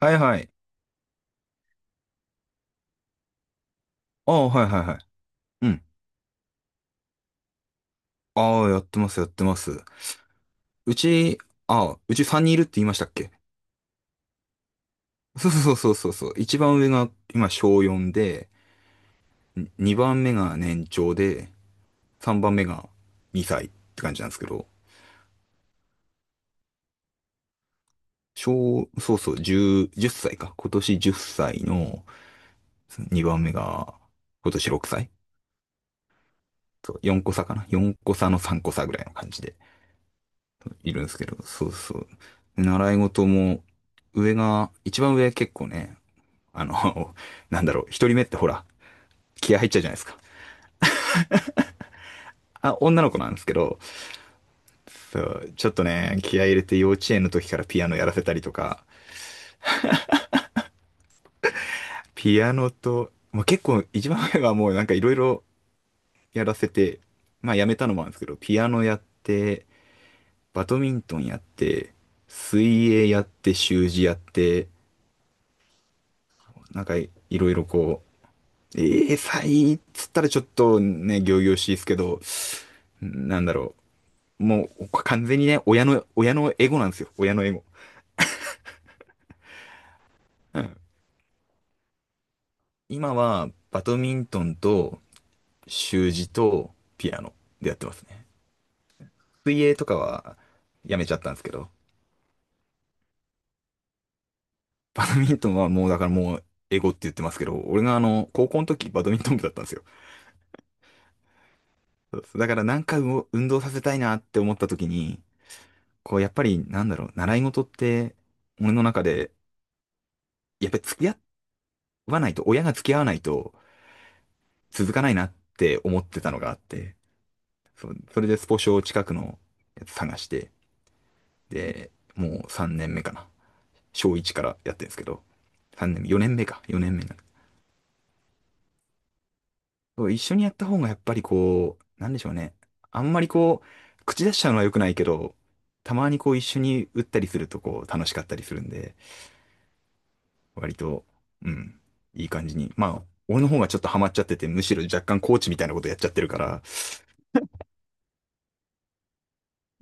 はいはい。ああ、はいはいはい。うん。ああ、やってます、やってます。うち、ああ、うち3人いるって言いましたっけ？そうそうそうそうそう。一番上が今小4で、2番目が年長で、3番目が2歳って感じなんですけど、小、そうそう、10、歳か。今年10歳の2番目が今年6歳。そう、4個差かな？ 4 個差の3個差ぐらいの感じでいるんですけど、そうそう。習い事も、上が、一番上結構ね、あの、なんだろう、一人目ってほら、気合入っちゃうじゃないですか。あ、女の子なんですけど、そう、ちょっとね、気合入れて幼稚園の時からピアノやらせたりとか、ピアノと、まあ、結構一番前はもうなんかいろいろやらせて、まあやめたのもあるんですけど、ピアノやって、バドミントンやって、水泳やって、習字やって、なんかいろいろこう、ええー、才っつったらちょっとね、仰々しいですけど、なんだろう、もう完全にね、親の、親のエゴなんですよ。親のエゴ。うん、今は、バドミントンと、習字と、ピアノでやってますね。水泳とかは、やめちゃったんですけど、バドミントンはもう、だからもう、エゴって言ってますけど、俺が高校の時、バドミントン部だったんですよ。そうですだから、なんかう運動させたいなって思った時に、こう、やっぱり、なんだろう、習い事って、俺の中で、やっぱり付き合わないと、親が付き合わないと、続かないなって思ってたのがあって、それでスポ少近くのやつ探して、で、もう3年目かな。小1からやってるんですけど、3年目、4年目か、4年目になる。そう一緒にやった方がやっぱりこう、なんでしょうね。あんまりこう、口出しちゃうのは良くないけど、たまにこう一緒に打ったりするとこう楽しかったりするんで、割と、うん、いい感じに。まあ、俺の方がちょっとハマっちゃってて、むしろ若干コーチみたいなことやっちゃってるから、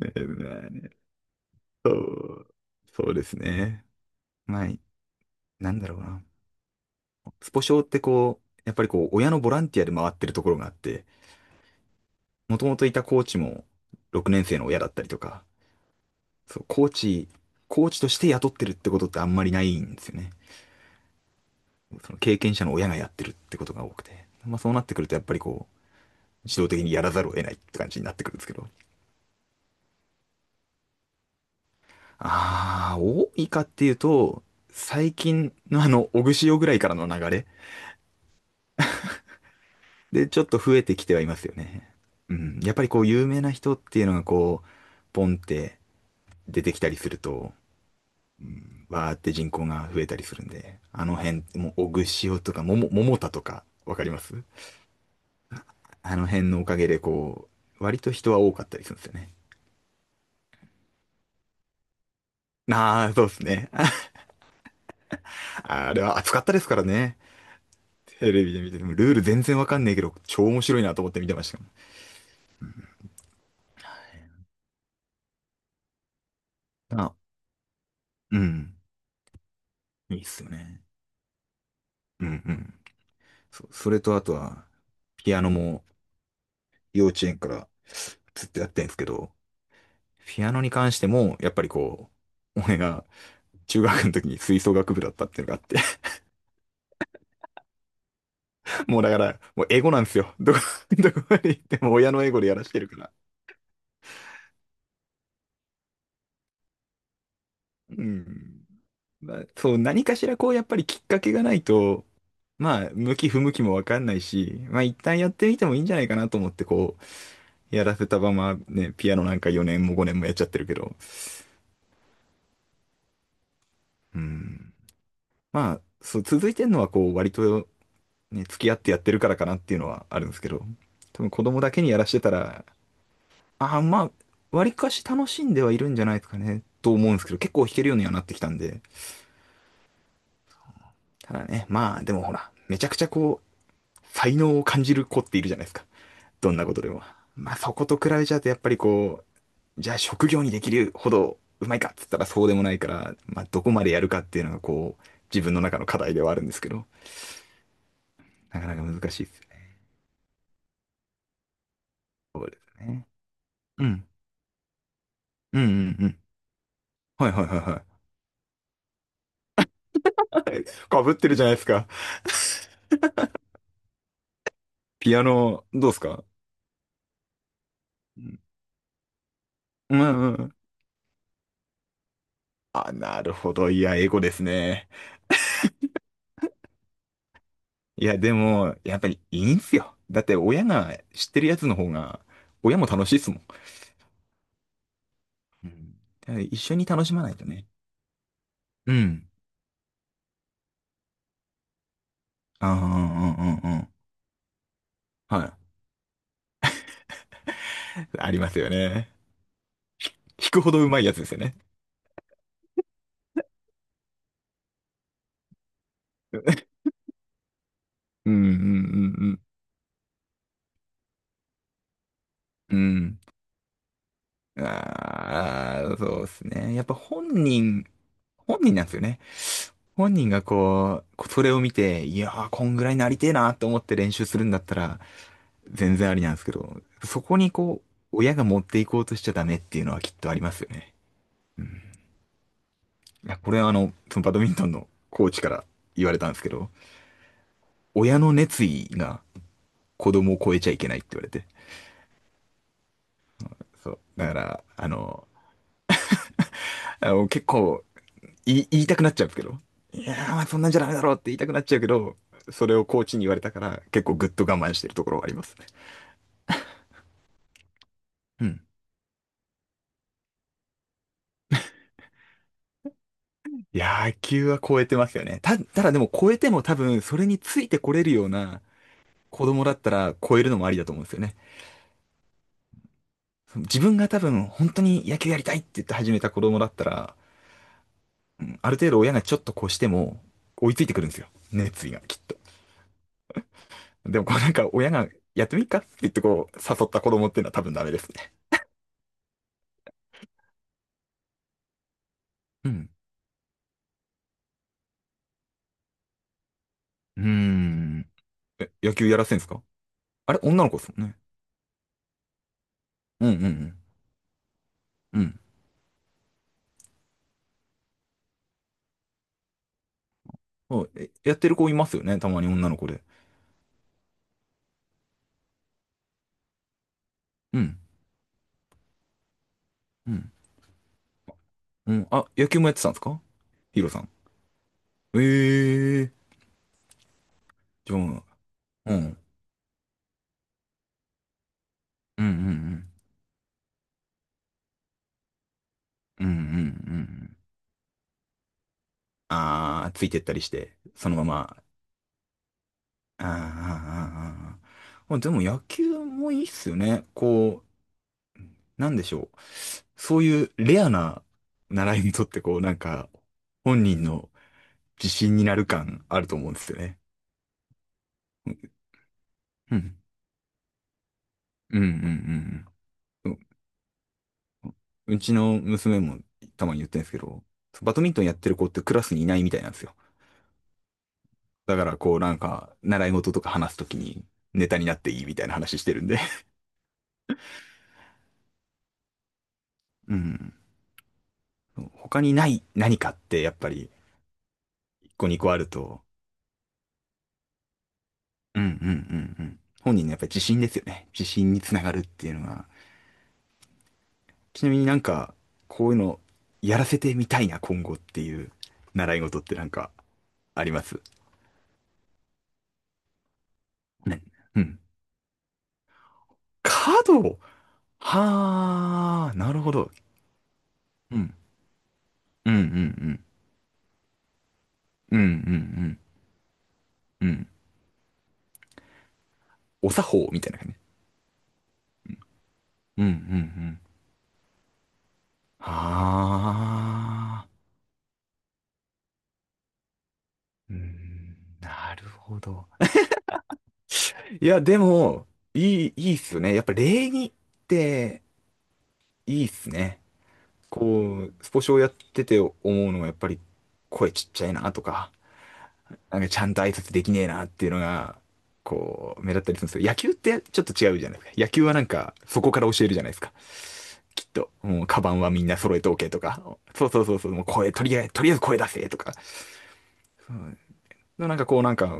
えーそう、そうですね。まあ、なんだろうな。スポ少ってこう、やっぱりこう、親のボランティアで回ってるところがあって、もともといたコーチも6年生の親だったりとか、そう、コーチとして雇ってるってことってあんまりないんですよね。その経験者の親がやってるってことが多くて。まあそうなってくるとやっぱりこう、自動的にやらざるを得ないって感じになってくるんですけど。ああ、多いかっていうと、最近のオグシオぐらいからの流れでちょっと増えてきてはいますよね。うん。やっぱりこう、有名な人っていうのがこう、ポンって出てきたりすると、うんわーって人口が増えたりするんで、あの辺、もう、オグシとか、桃田とか、わかります？あの辺のおかげで、こう、割と人は多かったりするんですよね。ああ、そうですね。あ、あれは暑かったですからね。テレビで見てても、ルール全然わかんねえけど、超面白いなと思って見てましたもん。あ、うん。いいっすよね。うんうん。それとあとは、ピアノも幼稚園からずっとやってんですけど、ピアノに関しても、やっぱりこう、俺が中学の時に吹奏楽部だったっていうのがあって、もうだから、もうエゴなんですよ。どこ、どこまで行っても親のエゴでやらしてるから。うん。まあ、そう、何かしらこう、やっぱりきっかけがないと、まあ、向き不向きもわかんないし、まあ一旦やってみてもいいんじゃないかなと思って、こう、やらせたままね、ピアノなんか4年も5年もやっちゃってるけど、うん。まあ、そう、続いてんのはこう、割とね、付き合ってやってるからかなっていうのはあるんですけど、多分子供だけにやらしてたら、あ、まあ、割かし楽しんではいるんじゃないですかね、と思うんですけど、結構弾けるようにはなってきたんで。ただね、まあ、でもほら、めちゃくちゃこう、才能を感じる子っているじゃないですか。どんなことでも。まあ、そこと比べちゃうと、やっぱりこう、じゃあ職業にできるほどうまいかっつったらそうでもないから、まあ、どこまでやるかっていうのがこう、自分の中の課題ではあるんですけど、なかなか難しいですよね。そうですね。うん。うんうんうん。はいはいはいはい。かぶってるじゃないですか。ピアノ、どうですか？うんうんうん、あ、なるほど。いや、エゴですね。いや、でも、やっぱりいいんすよ。だって親が知ってるやつの方が、親も楽しいっすもん。うん。だから一緒に楽しまないとね。うん。ああ、うんうんうんうん。はい。ありますよね。引くほどうまいやつですよね。うんうんうんうん。うん。ああ、そうですね。やっぱ本人、本人なんですよね。本人がこう、こうそれを見て、いやー、こんぐらいなりてえなと思って練習するんだったら、全然ありなんですけど、そこにこう、親が持っていこうとしちゃダメっていうのはきっとありますよね。うん。いや、これはそのバドミントンのコーチから言われたんですけど、親の熱意が子供を超えちゃいけないって言われて。そう。だから、あの、結構言いたくなっちゃうんですけど、いやー、そんなんじゃダメだろうって言いたくなっちゃうけど、それをコーチに言われたから、結構ぐっと我慢してるところはありますね。うん。野球は超えてますよね。ただでも超えても多分それについてこれるような子供だったら超えるのもありだと思うんですよね。自分が多分本当に野球やりたいって言って始めた子供だったら、うんある程度親がちょっと越しても追いついてくるんですよ。熱意がきっと。でもこうなんか親がやってみっかって言ってこう誘った子供っていうのは多分ダメですね。うん。うーん。え、野球やらせんすか？あれ女の子ですもんね。うんうんうん。うんそう。えやってる子いますよね。たまに女の子で。うん。うん。うん。あ、野球もやってたんですか？ヒロさん。ええー。じゃあ、うん。うんうんうん。うんうんうん。ああ、ついてったりして、そのまま。あーあー、あーあでも野球もいいっすよね。こう、なんでしょう。そういうレアな習い事ってこう、なんか、本人の自信になる感あると思うんですよね。うん。うんうんうんうん。うちの娘もたまに言ってるんですけど、バドミントンやってる子ってクラスにいないみたいなんですよ。だからこうなんか、習い事とか話すときにネタになっていいみたいな話してるんで。うん。他にない何かってやっぱり1個2個あると、うんうんうんうん、本人のやっぱり自信ですよね。自信につながるっていうのが。ちなみになんか、こういうのやらせてみたいな今後っていう習い事ってなんかありますね。うん。華道、はあ、なるほど。うん。うんうんうん。うんうんうん。うん。お作法みたいな感じ。うんうんうん。ああ。うん、なるほど。いや、でも、いいっすよね。やっぱ礼儀っていいっすね。こう、スポ少やってて思うのはやっぱり声ちっちゃいなとか、なんかちゃんと挨拶できねえなっていうのが、こう、目立ったりするんですよ。野球ってちょっと違うじゃないですか。野球はなんかそこから教えるじゃないですか。きっと、もうカバンはみんな揃えておけとか、そうそうそうそう、もう声、とりあえず声出せとか、そうのなんか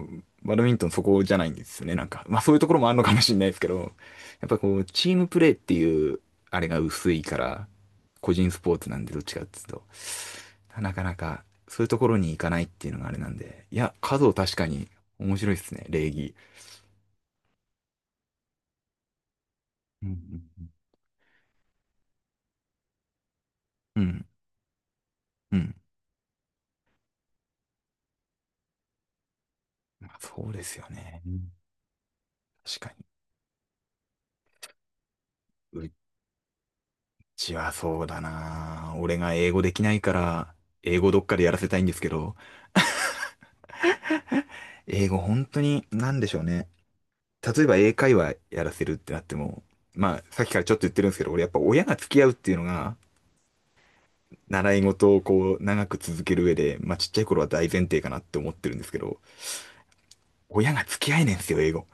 バドミントンそこじゃないんですよね。なんか、まあそういうところもあるのかもしれないですけど、やっぱこう、チームプレーっていう、あれが薄いから、個人スポーツなんでどっちかっていうと、なかなかそういうところに行かないっていうのがあれなんで、いや、数を確かに面白いですね、礼儀。うんうんうん、うん。まあ、そうですよね。うん、確かに。うちはそうだな。俺が英語できないから、英語どっかでやらせたいんですけど、英語本当に何でしょうね。例えば英会話やらせるってなっても、まあ、さっきからちょっと言ってるんですけど、俺やっぱ親が付き合うっていうのが、習い事をこう、長く続ける上で、まあちっちゃい頃は大前提かなって思ってるんですけど、親が付き合えねえんですよ、英語。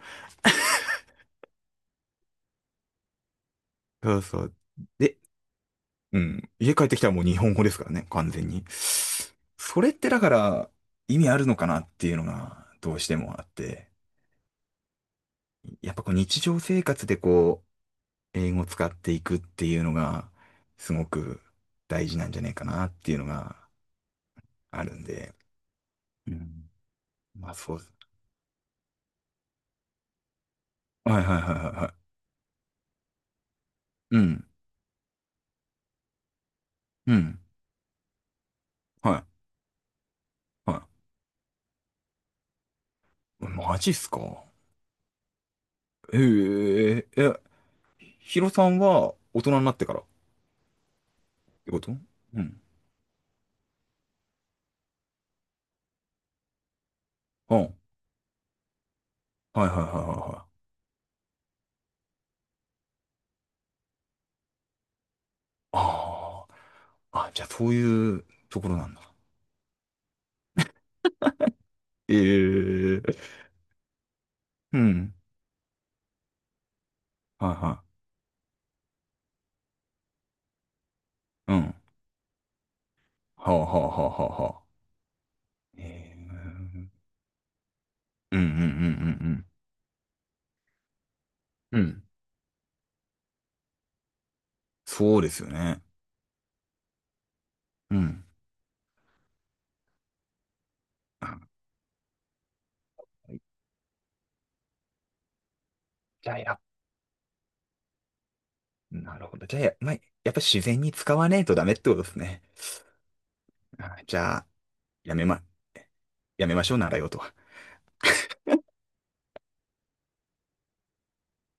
そうそう。で、うん、家帰ってきたらもう日本語ですからね、完全に。それってだから、意味あるのかなっていうのが、どうしてもあって、やっぱこう日常生活でこう、英語を使っていくっていうのが、すごく大事なんじゃねえかなっていうのが、あるんで、うん、まあそうです。はいはいはいはいはい。うん。うん。はい。はい。マジっすか、えええ、ヒロさんは大人になってからってこと、うん。うん。はいはいはいはいはい。ああ。あ、じゃあそういうところなんだ。ええ、うん。はいはい。うん。はあはあはあはあはあ。ええ、うんうんうんうんうん。うん。そうですよね。うん。あ、じゃあ、なるほど。じゃあ、まあ、やっぱり自然に使わねえとダメってことですね。あじゃあ、やめま、やめましょう、習い事は。